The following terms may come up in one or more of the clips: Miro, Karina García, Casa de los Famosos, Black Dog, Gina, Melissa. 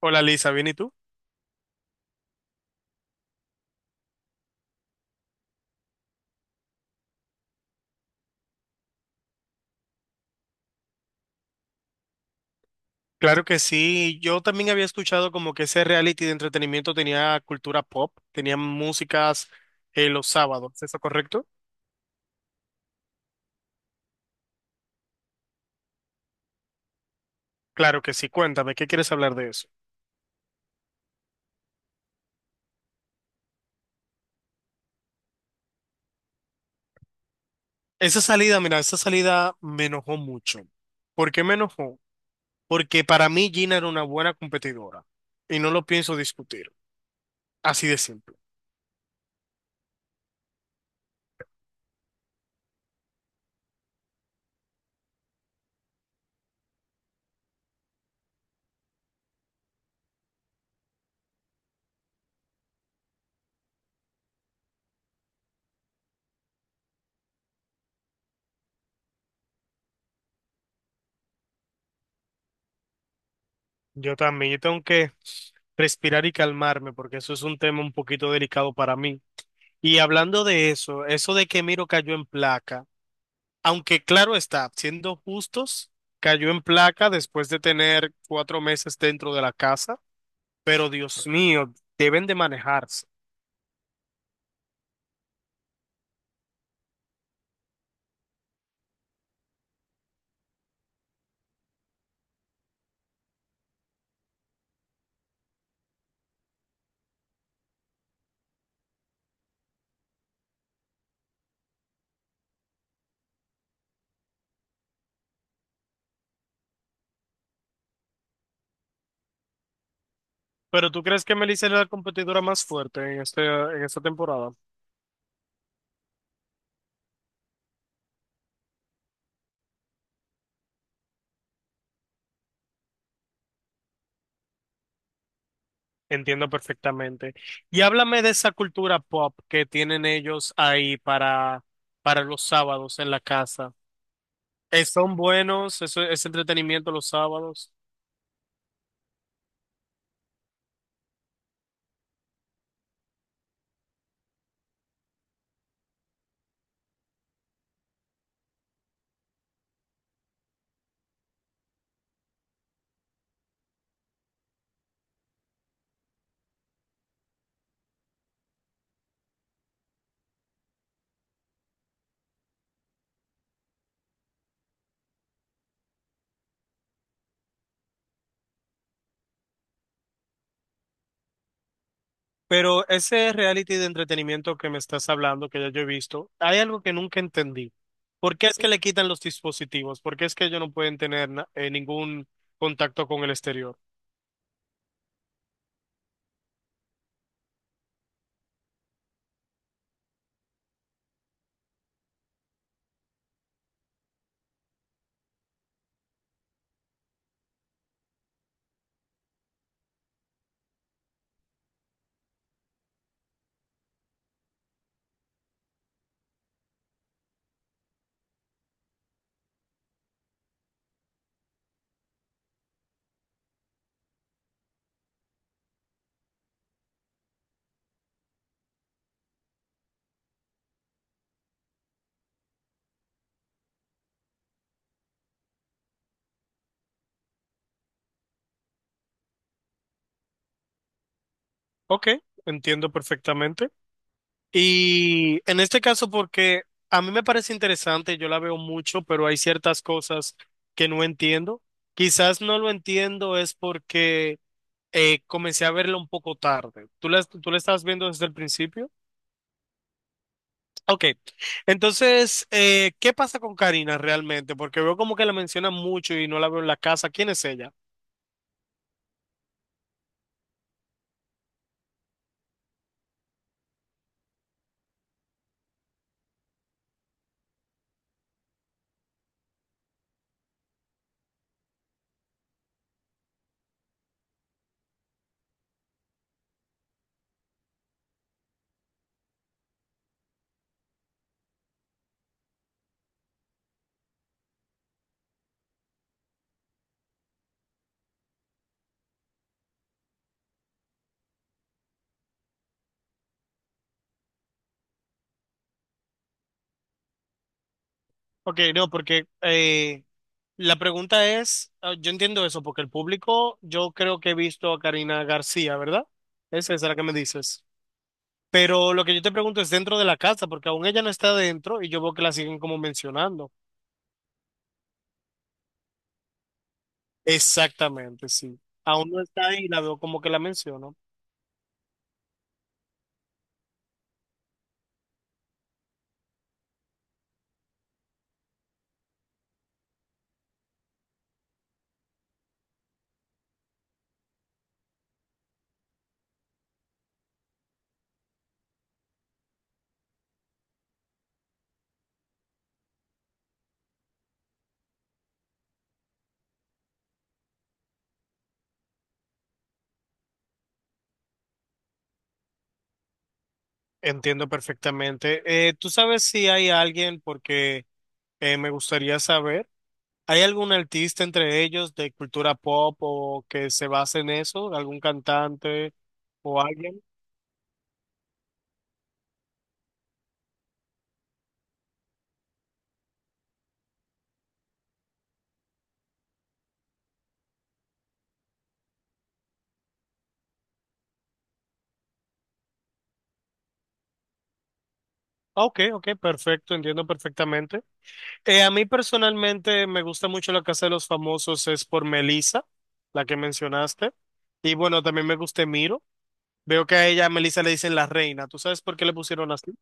Hola Lisa, ¿bien y tú? Claro que sí, yo también había escuchado como que ese reality de entretenimiento tenía cultura pop, tenía músicas los sábados, ¿es eso correcto? Claro que sí, cuéntame, ¿qué quieres hablar de eso? Esa salida, mira, esa salida me enojó mucho. ¿Por qué me enojó? Porque para mí Gina era una buena competidora y no lo pienso discutir, así de simple. Yo también, yo tengo que respirar y calmarme porque eso es un tema un poquito delicado para mí. Y hablando de eso, eso de que Miro cayó en placa, aunque claro está, siendo justos, cayó en placa después de tener 4 meses dentro de la casa, pero Dios mío, deben de manejarse. Pero ¿tú crees que Melissa es la competidora más fuerte en esta temporada? Entiendo perfectamente. Y háblame de esa cultura pop que tienen ellos ahí para los sábados en la casa. ¿Son buenos? ¿Eso es entretenimiento los sábados? Pero ese reality de entretenimiento que me estás hablando, que ya yo he visto, hay algo que nunca entendí. ¿Por qué es que le quitan los dispositivos? ¿Por qué es que ellos no pueden tener ningún contacto con el exterior? Ok, entiendo perfectamente. Y en este caso, porque a mí me parece interesante, yo la veo mucho, pero hay ciertas cosas que no entiendo. Quizás no lo entiendo es porque comencé a verlo un poco tarde. ¿Tú la estabas viendo desde el principio? Ok, entonces, ¿qué pasa con Karina realmente? Porque veo como que la mencionan mucho y no la veo en la casa. ¿Quién es ella? Ok, no, porque la pregunta es, ah, yo entiendo eso, porque el público, yo creo que he visto a Karina García, ¿verdad? Esa es la que me dices. Pero lo que yo te pregunto es dentro de la casa, porque aún ella no está dentro y yo veo que la siguen como mencionando. Exactamente, sí. Aún no está ahí y la veo como que la menciono. Entiendo perfectamente. ¿Tú sabes si hay alguien porque... me gustaría saber, ¿hay algún artista entre ellos de cultura pop o que se base en eso? ¿Algún cantante o alguien? Ah, ok, ok, perfecto, entiendo perfectamente. A mí personalmente me gusta mucho la Casa de los Famosos, es por Melissa, la que mencionaste. Y bueno, también me gusta Miro. Veo que a ella, a Melissa le dicen la reina. ¿Tú sabes por qué le pusieron así?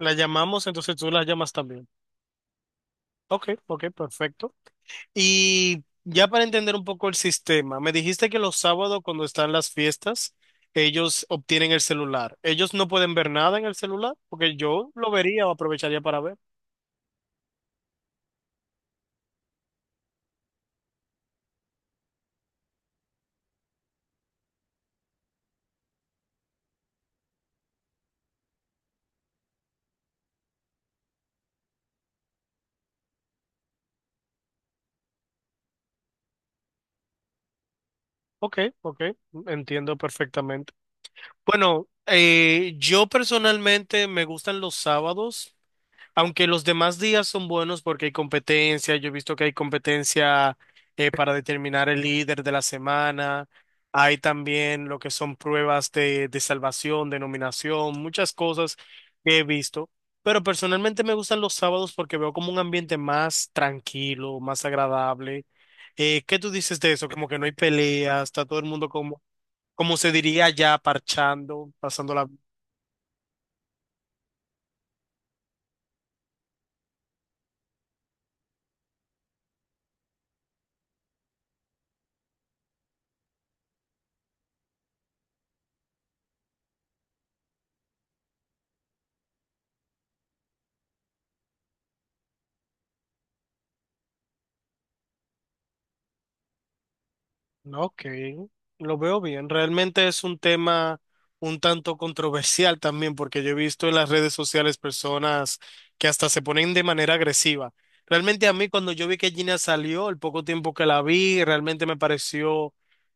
La llamamos, entonces tú la llamas también. Ok, ok, perfecto. Y ya para entender un poco el sistema, me dijiste que los sábados cuando están las fiestas, ellos obtienen el celular. Ellos no pueden ver nada en el celular porque yo lo vería o aprovecharía para ver. Ok, ok, entiendo perfectamente. Bueno, yo personalmente me gustan los sábados. Aunque los demás días son buenos porque hay competencia, yo he visto que hay competencia, para determinar el líder de la semana, hay también lo que son pruebas de salvación, de nominación, muchas cosas que he visto, pero personalmente me gustan los sábados porque veo como un ambiente más tranquilo, más agradable. ¿Qué tú dices de eso? Como que no hay peleas, está todo el mundo como, como se diría ya, parchando, pasando. Ok, lo veo bien. Realmente es un tema un tanto controversial también, porque yo he visto en las redes sociales personas que hasta se ponen de manera agresiva. Realmente a mí cuando yo vi que Gina salió, el poco tiempo que la vi, realmente me pareció,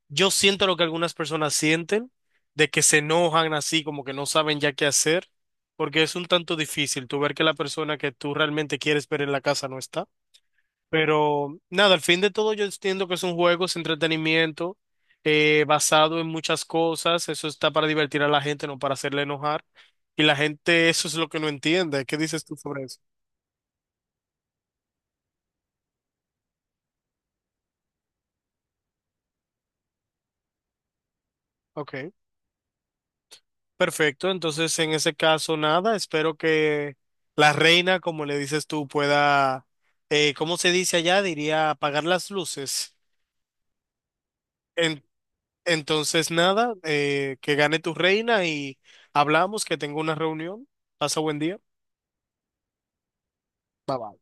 yo siento lo que algunas personas sienten, de que se enojan así, como que no saben ya qué hacer, porque es un tanto difícil tú ver que la persona que tú realmente quieres ver en la casa no está. Pero nada, al fin de todo yo entiendo que es un juego, es entretenimiento, basado en muchas cosas, eso está para divertir a la gente, no para hacerle enojar. Y la gente eso es lo que no entiende. ¿Qué dices tú sobre eso? Ok, perfecto. Entonces, en ese caso, nada, espero que la reina, como le dices tú, pueda, ¿cómo se dice allá? Diría apagar las luces. En- entonces, nada, que gane tu reina y hablamos, que tengo una reunión. Pasa buen día. Bye bye.